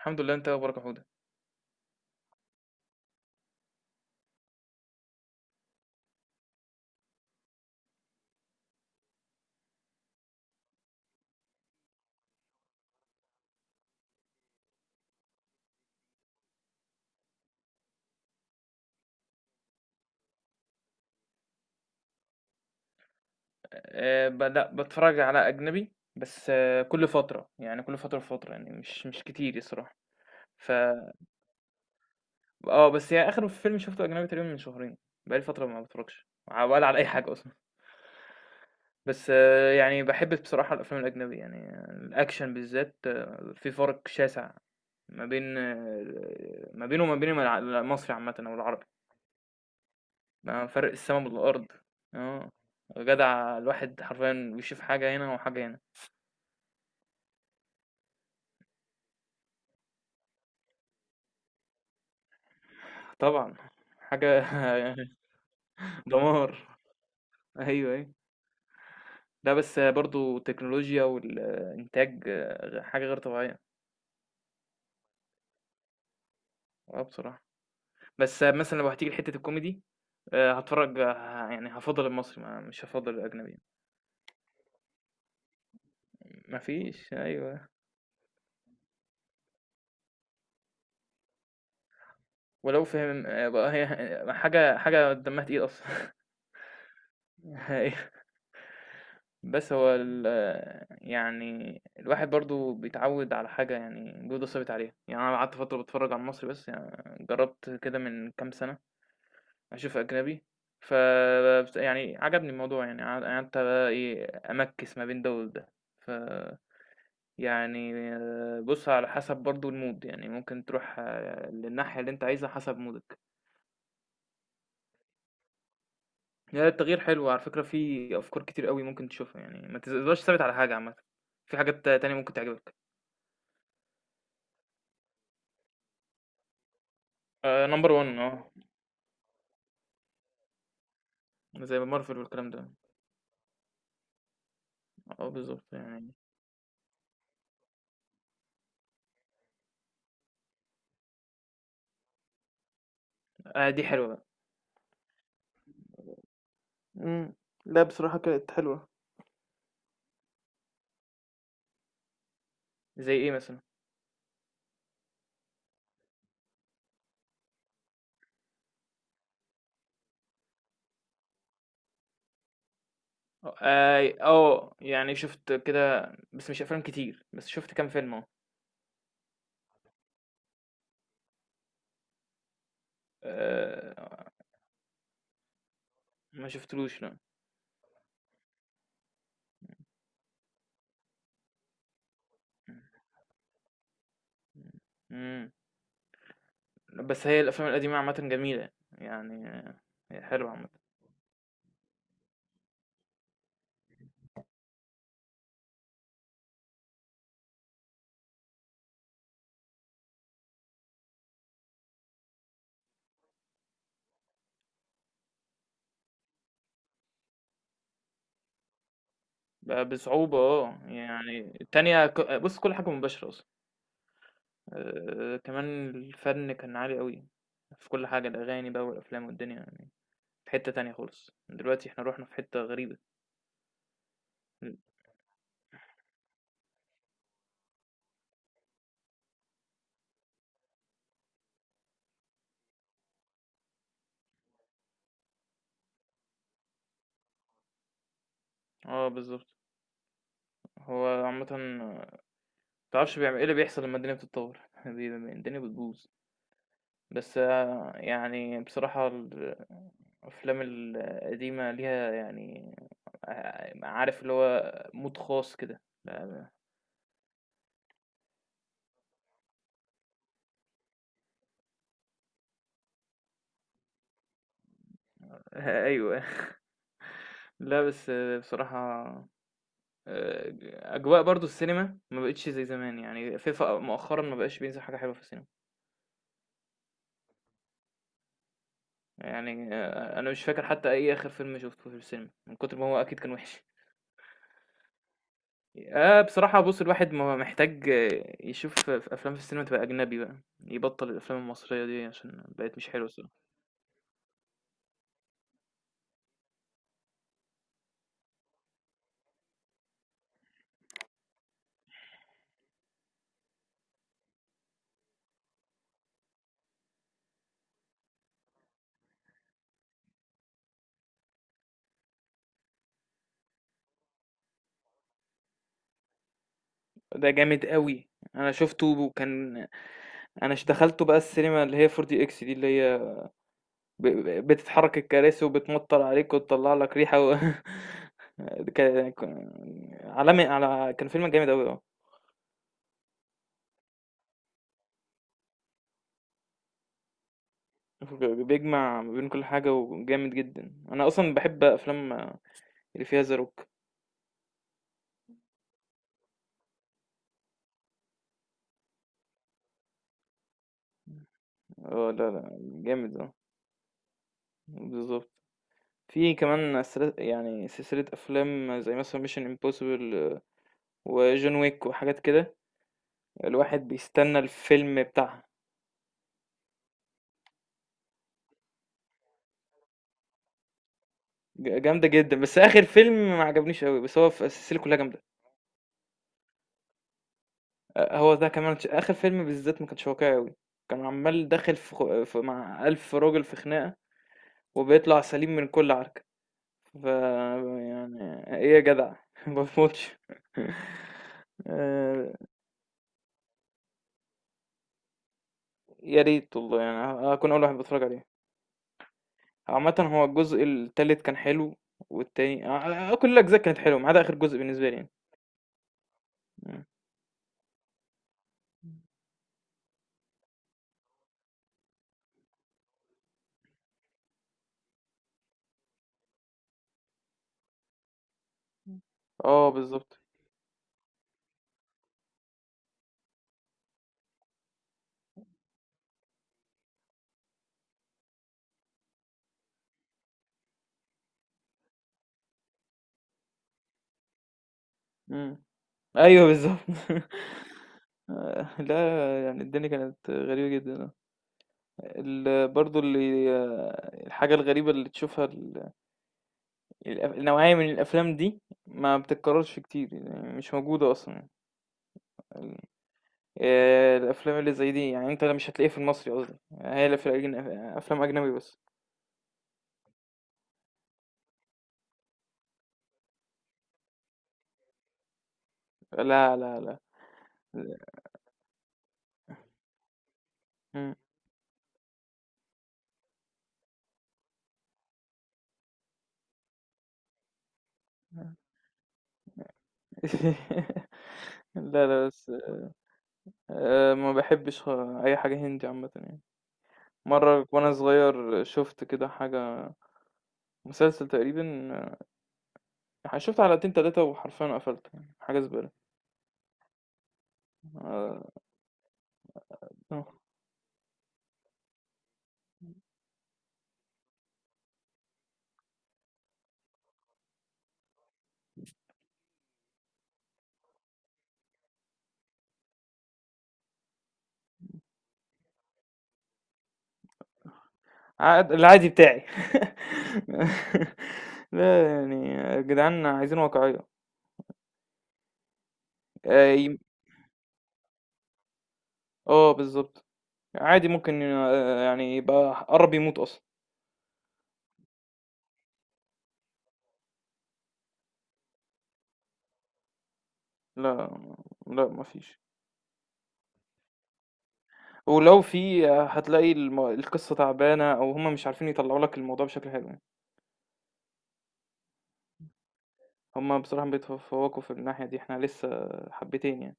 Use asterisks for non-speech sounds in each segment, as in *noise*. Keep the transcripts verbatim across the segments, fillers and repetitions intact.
الحمد لله، انت إيه اخبارك يا حوده؟ أه بدأ بتفرج على اجنبي، بس أه كل فتره، يعني كل فتره فتره، يعني مش مش كتير الصراحه. ف اه بس هي اخر فيلم شفته اجنبي تقريبا من شهرين. بقالي فتره ما بتفرجش ع- ولا على اي حاجه اصلا. بس أه يعني بحب بصراحه الافلام الاجنبي، يعني الاكشن بالذات، آه، في فرق شاسع ما بين آه، ما بينه وما بين الع- المصري عامه او العربي. ما فرق السما بالارض. اه، جدع الواحد حرفيا بيشوف حاجه هنا وحاجه هنا. طبعًا، حاجة *laughs* دمار. أيوه، أيوه. لأ، بس برضه التكنولوجيا والإنتاج حاجة غير طبيعية. آه بصراحة. بس مثلًا لو هتيجي لحتة الكوميدي، آآ هاتفرّج ه يعني هافضّل المصري، ما مش هافضّل الأجنبي. ما فيش، أيوه. ولو فهم آه، بقى هي حاجة حاجة دمّها تقيل أصلًا. *laughs* أيوه. بس هو ال آه، يعني الواحد برضه بيتعوّد على حاجة، يعني جوده ثابت عليها. يعني أنا قعدت فترة باتفرّج على المصري بس، يعني جرّبت كده من كام سَنة. أشوف أجنبي، فبس يعني عجبني الموضوع، يعني قع قعدت بقى إيه، أمكِّس ما بين ده وده. ف يعني آه، بُص على حسب برضه الmood، يعني ممكن تروح آه، للناحية اللي أنت عايزها حسب مودك. هي التغيير حلو على فكرة، في أفكار كتير أوي ممكن تشوفها، يعني ما تفضلش ثابت على حاجة عامةً، في حاجات تانية ممكن تعجبك. آآ number one، آه، زي Marvel والكلام ده، آه بالضبط يعني. آآ دي حلوة بقى. إمم، لأ بصراحة كانت حلوة. زي إيه مثلًا؟ آه، آه، يعني شُفت كده، بس مش أفلام كتير، بس شُفت كام فيلم اهو. آه، آآ، ما شُفتلوش لأ. إمم، امم، بس هي الأفلام القديمة عامةً جميلة، يعني آه، هي حلوة عامةً. ب بصعوبة، آه، يعني التانية ك بُص كل حاجة مباشرة أصلًا. آآ، كمان الفن كان عالي أوي في كل حاجة، الأغاني بقى والأفلام والدنيا، يعني في حتة تانية خالص. دلوقتي إحنا رُحنا في حتة غريبة. إمم. آه بالضبط. هو عامةً، تعرفش بيعمل ايه اللي بيحصل لما الدنيا بتتطور، *laughs* بي- الدنيا بتبوظ. بس آه، يعني بصراحة ال- الأفلام القديمة ليها يعني آه، عارف اللي هو مود خاص كده لا- آه، أيوه. *laughs* لا بس آه، بصراحة آه، أجواء برضو السينما ما بقتش زي زمان، يعني فيفا مؤخرا ما بقاش بينزل حاجة حلوة في السينما. يعني آه، أنا مش فاكر حتى أي آخر فيلم شفته في السينما، من كتر ما هو أكيد كان وحش. آه بصراحة، بُص الواحد ما محتاج آه، يشوف في أفلام في السينما، تبقى أجنبي بقى. يبطّل الأفلام المصرية دي عشان بقت مش حلوة الصراحة. ده جامد أوي. أنا شُفته وكان أنا ش دخلته بقى السينما اللي هي فور دي إكس دي إكس دي، اللي هي ب ب بتتحرك الكراسي وبتمطّر عليك وتطلّع لك ريحة. و *laughs* ك ك عالمي، على كان فيلم جامد أوي، آه. ب بيجمع ما بين كل حاجة وجامد جدًا. أنا أصلًا باحب أفلام اللي فيها The Rock. آه، لا، لا جامد آه، بالضبط. في كمان سلس- يعني سلسلة أفلام زي مثلا ميشن امبوسيبل وجون ويك وحاجات كده، الواحد بيستنى الفيلم بتاعها. ج- جامدة جدا، بس آخر فيلم ما عجبنيش أوي، بس هو في السلسلة كلها جامدة. آه، هو ده كمان آخر فيلم بالذات ما كانش واقعي أوي. كان عمال داخل في خ- في- مع ألف راجل في خناقة وبيطلع سليم من كل عركة. ف يعني إيه يا جدع، *laughs* ما بموتش. آه، يا ريت والله، يعني هكون أول واحد بتفرج عليه. عامة هو الجزء التالت كان حلو، والتاني آه، آه، آه، آه، كل الأجزاء كانت حلوة ما عدا آخر جزء بالنسبة لي يعني. مم. اه بالظبط. مم. أيوه بالظبط. *laughs* آه، لا، يعني الدنيا كانت غريبة جدا. ال- برضو اللي آه، الحاجة الغريبة اللي تشوفها، ال- الأف- النوعية من الأفلام دي ما بتتكررش كتير، يعني مش موجودة أصلا يعني. ال- آه، الأفلام اللي زي دي، يعني أنت مش هتلاقيها في المصري قصدي، هي اللي في الأجن- أفلام أجنبي بس. لا لا لا. مم. *laughs* لا، لا، بس آآ ما باحبّش خ أي حاجة هندي عامةً يعني. مرّة وأنا صغير شُفت كده حاجة، مسلسل تقريبًا، آه، شُفت حلقتين تلاتة، وحرفيًا قفلت، يعني، حاجة زبالة. آه، آه. عاد العادي بتاعي. *laughs* لا يعني يا جدعان عايزين واقعية. آآ ي آه بالضبط. عادي ممكن آآ يعني يبقى ح قرّب يموت أصلًا. لا، لأ ما فيش. ولو في هتلاقي الم القصة تعبانة أو هُم مش عارفين يطلّعوا لك الموضوع بشكل حلو يعني. هُم بصراحة بيتفوّقوا في الناحية دي، إحنا لسه حبّتين يعني.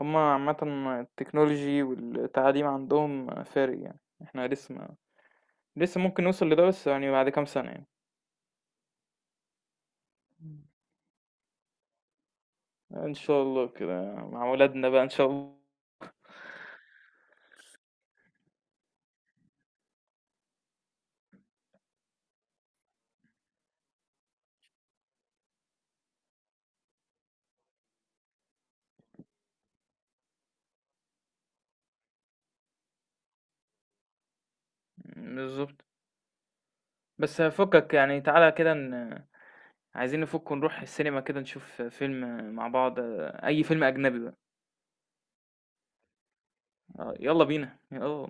هُم عامةً التكنولوجي والتعليم عندهم فارق يعني، إحنا لسه ما لسه ممكن نوصل لده، بس يعني بعد كام سنة يعني. إن شاء الله كده مع ولادنا بقى إن شاء الله. بالضبط. بس فكك يعني، تعالَ كده ن عايزين نفُك ونروح السينما كده نشوف فيلم مع بعض، أي فيلم أجنبي بقى، آه، يالّا بينا، آه.